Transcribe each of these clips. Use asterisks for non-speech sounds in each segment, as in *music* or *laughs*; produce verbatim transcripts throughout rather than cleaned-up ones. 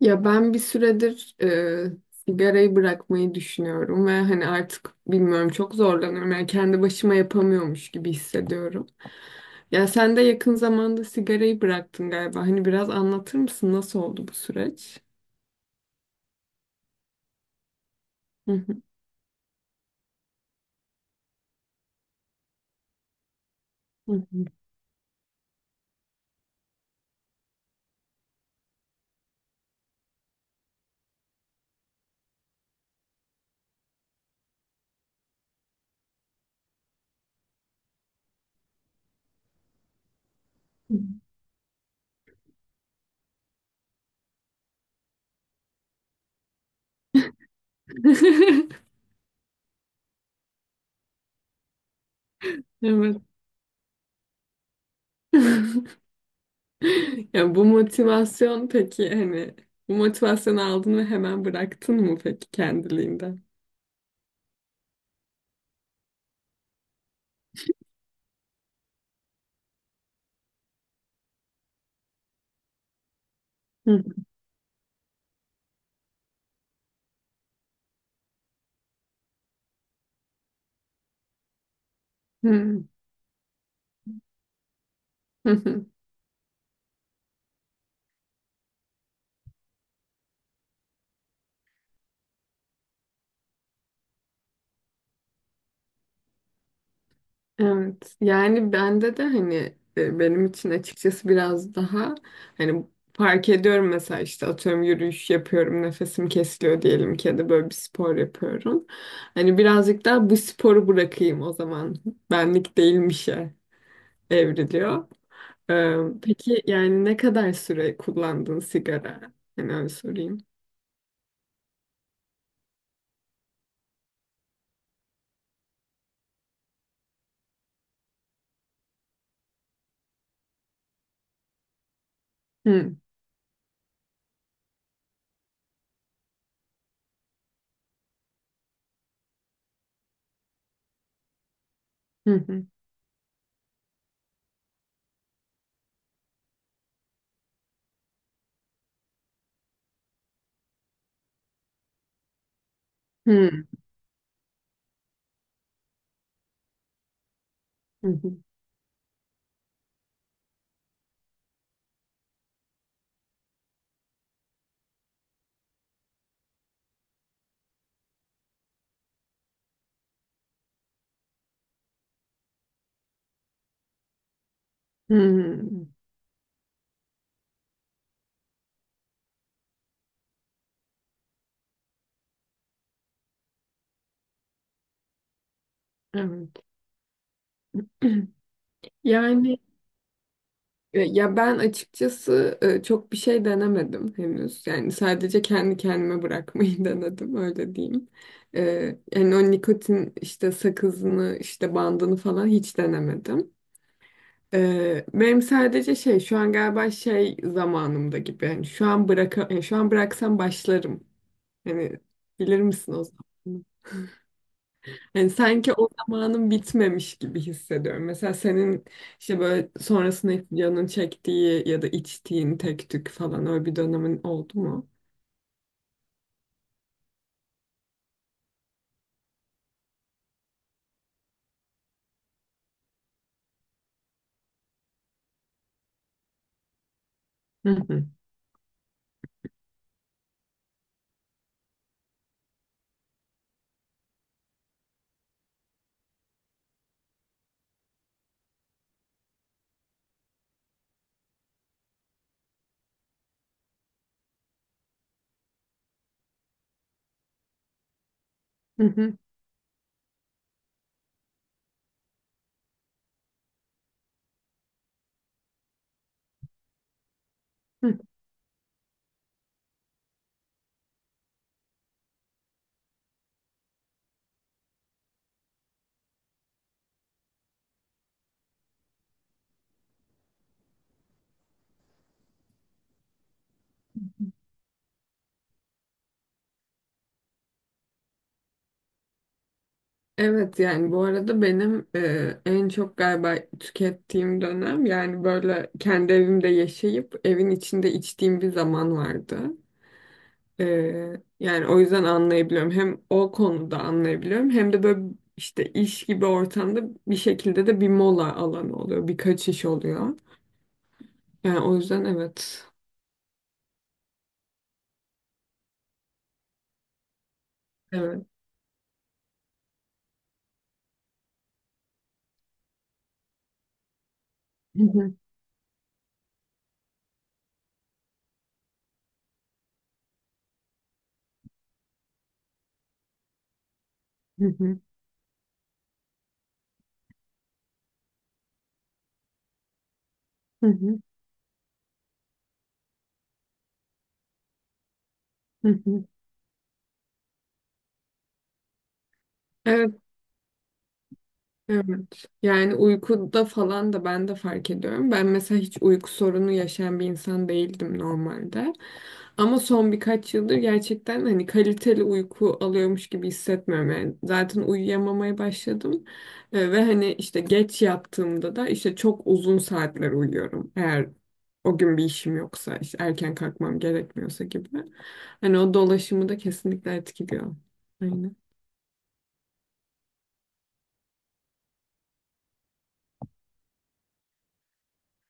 Ya ben bir süredir e, sigarayı bırakmayı düşünüyorum ve hani artık bilmiyorum, çok zorlanıyorum. Yani kendi başıma yapamıyormuş gibi hissediyorum. Ya sen de yakın zamanda sigarayı bıraktın galiba. Hani biraz anlatır mısın nasıl oldu bu süreç? Hı hı, hı hı. *laughs* Evet. *laughs* Ya bu motivasyon peki hani bu motivasyonu aldın ve hemen bıraktın mı peki kendiliğinden? Hı hı. Hı hı. Evet, yani bende de hani e, benim için açıkçası biraz daha hani fark ediyorum, mesela işte atıyorum yürüyüş yapıyorum nefesim kesiliyor diyelim ki ya da böyle bir spor yapıyorum. Hani birazcık daha bu sporu bırakayım o zaman, benlik değilmişe evriliyor. Ee, peki yani ne kadar süre kullandın sigara? Hani öyle sorayım. Hı hı, hı hı, hı hı. Hı. Evet. *clears throat* Yani E, Ya ben açıkçası e, çok bir şey denemedim henüz. Yani sadece kendi kendime bırakmayı *laughs* denedim, öyle diyeyim. E, Yani o nikotin işte sakızını işte bandını falan hiç denemedim. E, Benim sadece şey, şu an galiba şey zamanımda gibi. Yani şu an bıraka, yani şu an bıraksam başlarım. Hani bilir misin o zaman? Yani sanki o zamanın bitmemiş gibi hissediyorum. Mesela senin işte böyle sonrasında canın çektiği ya da içtiğin tek tük falan öyle bir dönemin oldu mu? Hı hı. Hı hı. Hı. Evet yani bu arada benim e, en çok galiba tükettiğim dönem, yani böyle kendi evimde yaşayıp evin içinde içtiğim bir zaman vardı. Ee, yani o yüzden anlayabiliyorum. Hem o konuda anlayabiliyorum hem de böyle işte iş gibi ortamda bir şekilde de bir mola alanı oluyor. Birkaç iş oluyor. Yani o yüzden evet. Evet. *laughs* Evet, evet. Yani uykuda falan da ben de fark ediyorum. Ben mesela hiç uyku sorunu yaşayan bir insan değildim normalde. Ama son birkaç yıldır gerçekten hani kaliteli uyku alıyormuş gibi hissetmiyorum. Yani zaten uyuyamamaya başladım. Ee, ve hani işte geç yattığımda da işte çok uzun saatler uyuyorum. Eğer o gün bir işim yoksa, işte erken kalkmam gerekmiyorsa gibi. Hani o dolaşımı da kesinlikle etkiliyor. Aynen.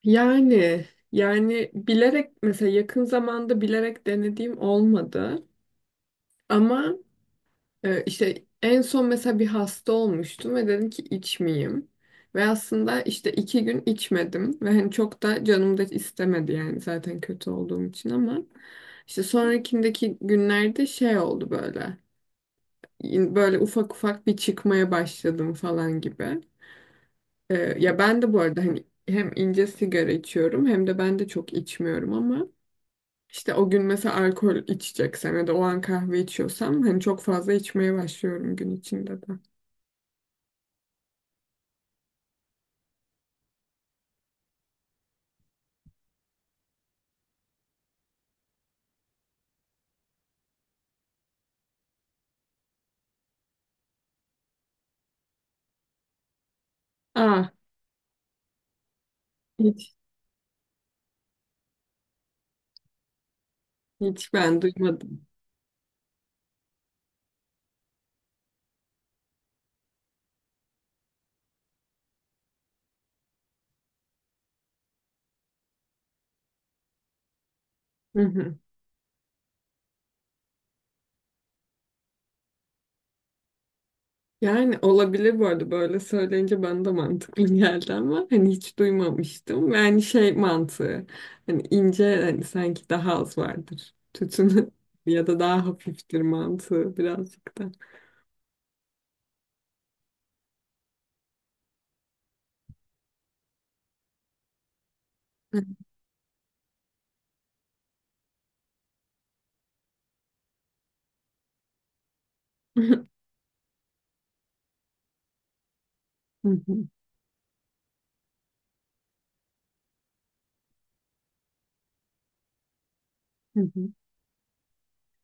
Yani yani bilerek mesela, yakın zamanda bilerek denediğim olmadı ama e, işte en son mesela bir hasta olmuştum ve dedim ki içmeyeyim ve aslında işte iki gün içmedim ve hani çok da canım da istemedi yani, zaten kötü olduğum için, ama işte sonrakindeki günlerde şey oldu böyle, böyle ufak ufak bir çıkmaya başladım falan gibi. E, Ya ben de bu arada hani hem ince sigara içiyorum hem de ben de çok içmiyorum ama İşte o gün mesela alkol içeceksem ya da o an kahve içiyorsam hani çok fazla içmeye başlıyorum gün içinde de. Aa, hiç hiç ben duymadım. Hı hı. Yani olabilir, bu arada böyle söyleyince bana da mantıklı *laughs* geldi ama hani hiç duymamıştım. Yani şey mantığı, hani ince, hani sanki daha az vardır tütünü *laughs* ya da daha hafiftir mantığı birazcık da. *laughs* Hı hı. Hı hı.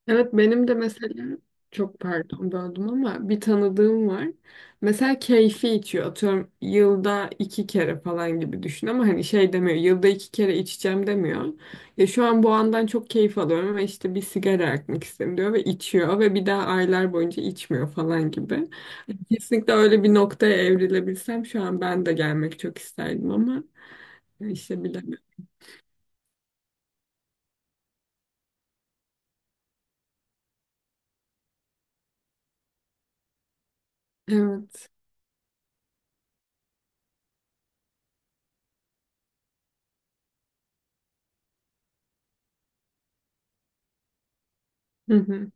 Evet benim de mesela, çok pardon böldüm ama, bir tanıdığım var. Mesela keyfi içiyor. Atıyorum yılda iki kere falan gibi düşün ama hani şey demiyor. Yılda iki kere içeceğim demiyor. Ya şu an bu andan çok keyif alıyorum ama işte bir sigara yakmak istedim diyor ve içiyor ve bir daha aylar boyunca içmiyor falan gibi. Kesinlikle öyle bir noktaya evrilebilsem şu an ben de gelmek çok isterdim ama işte bilemiyorum. Evet. Hı hı.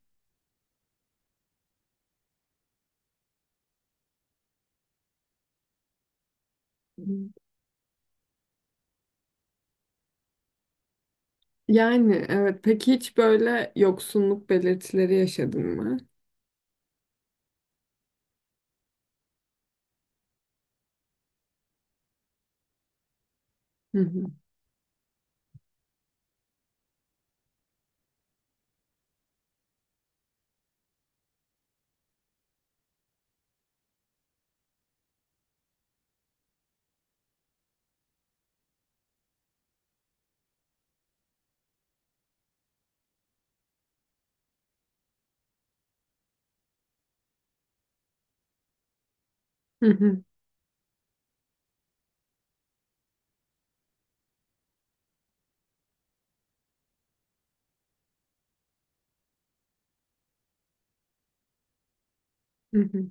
Yani evet. Peki hiç böyle yoksunluk belirtileri yaşadın mı? Hı hı. Hı hı. Hı hı.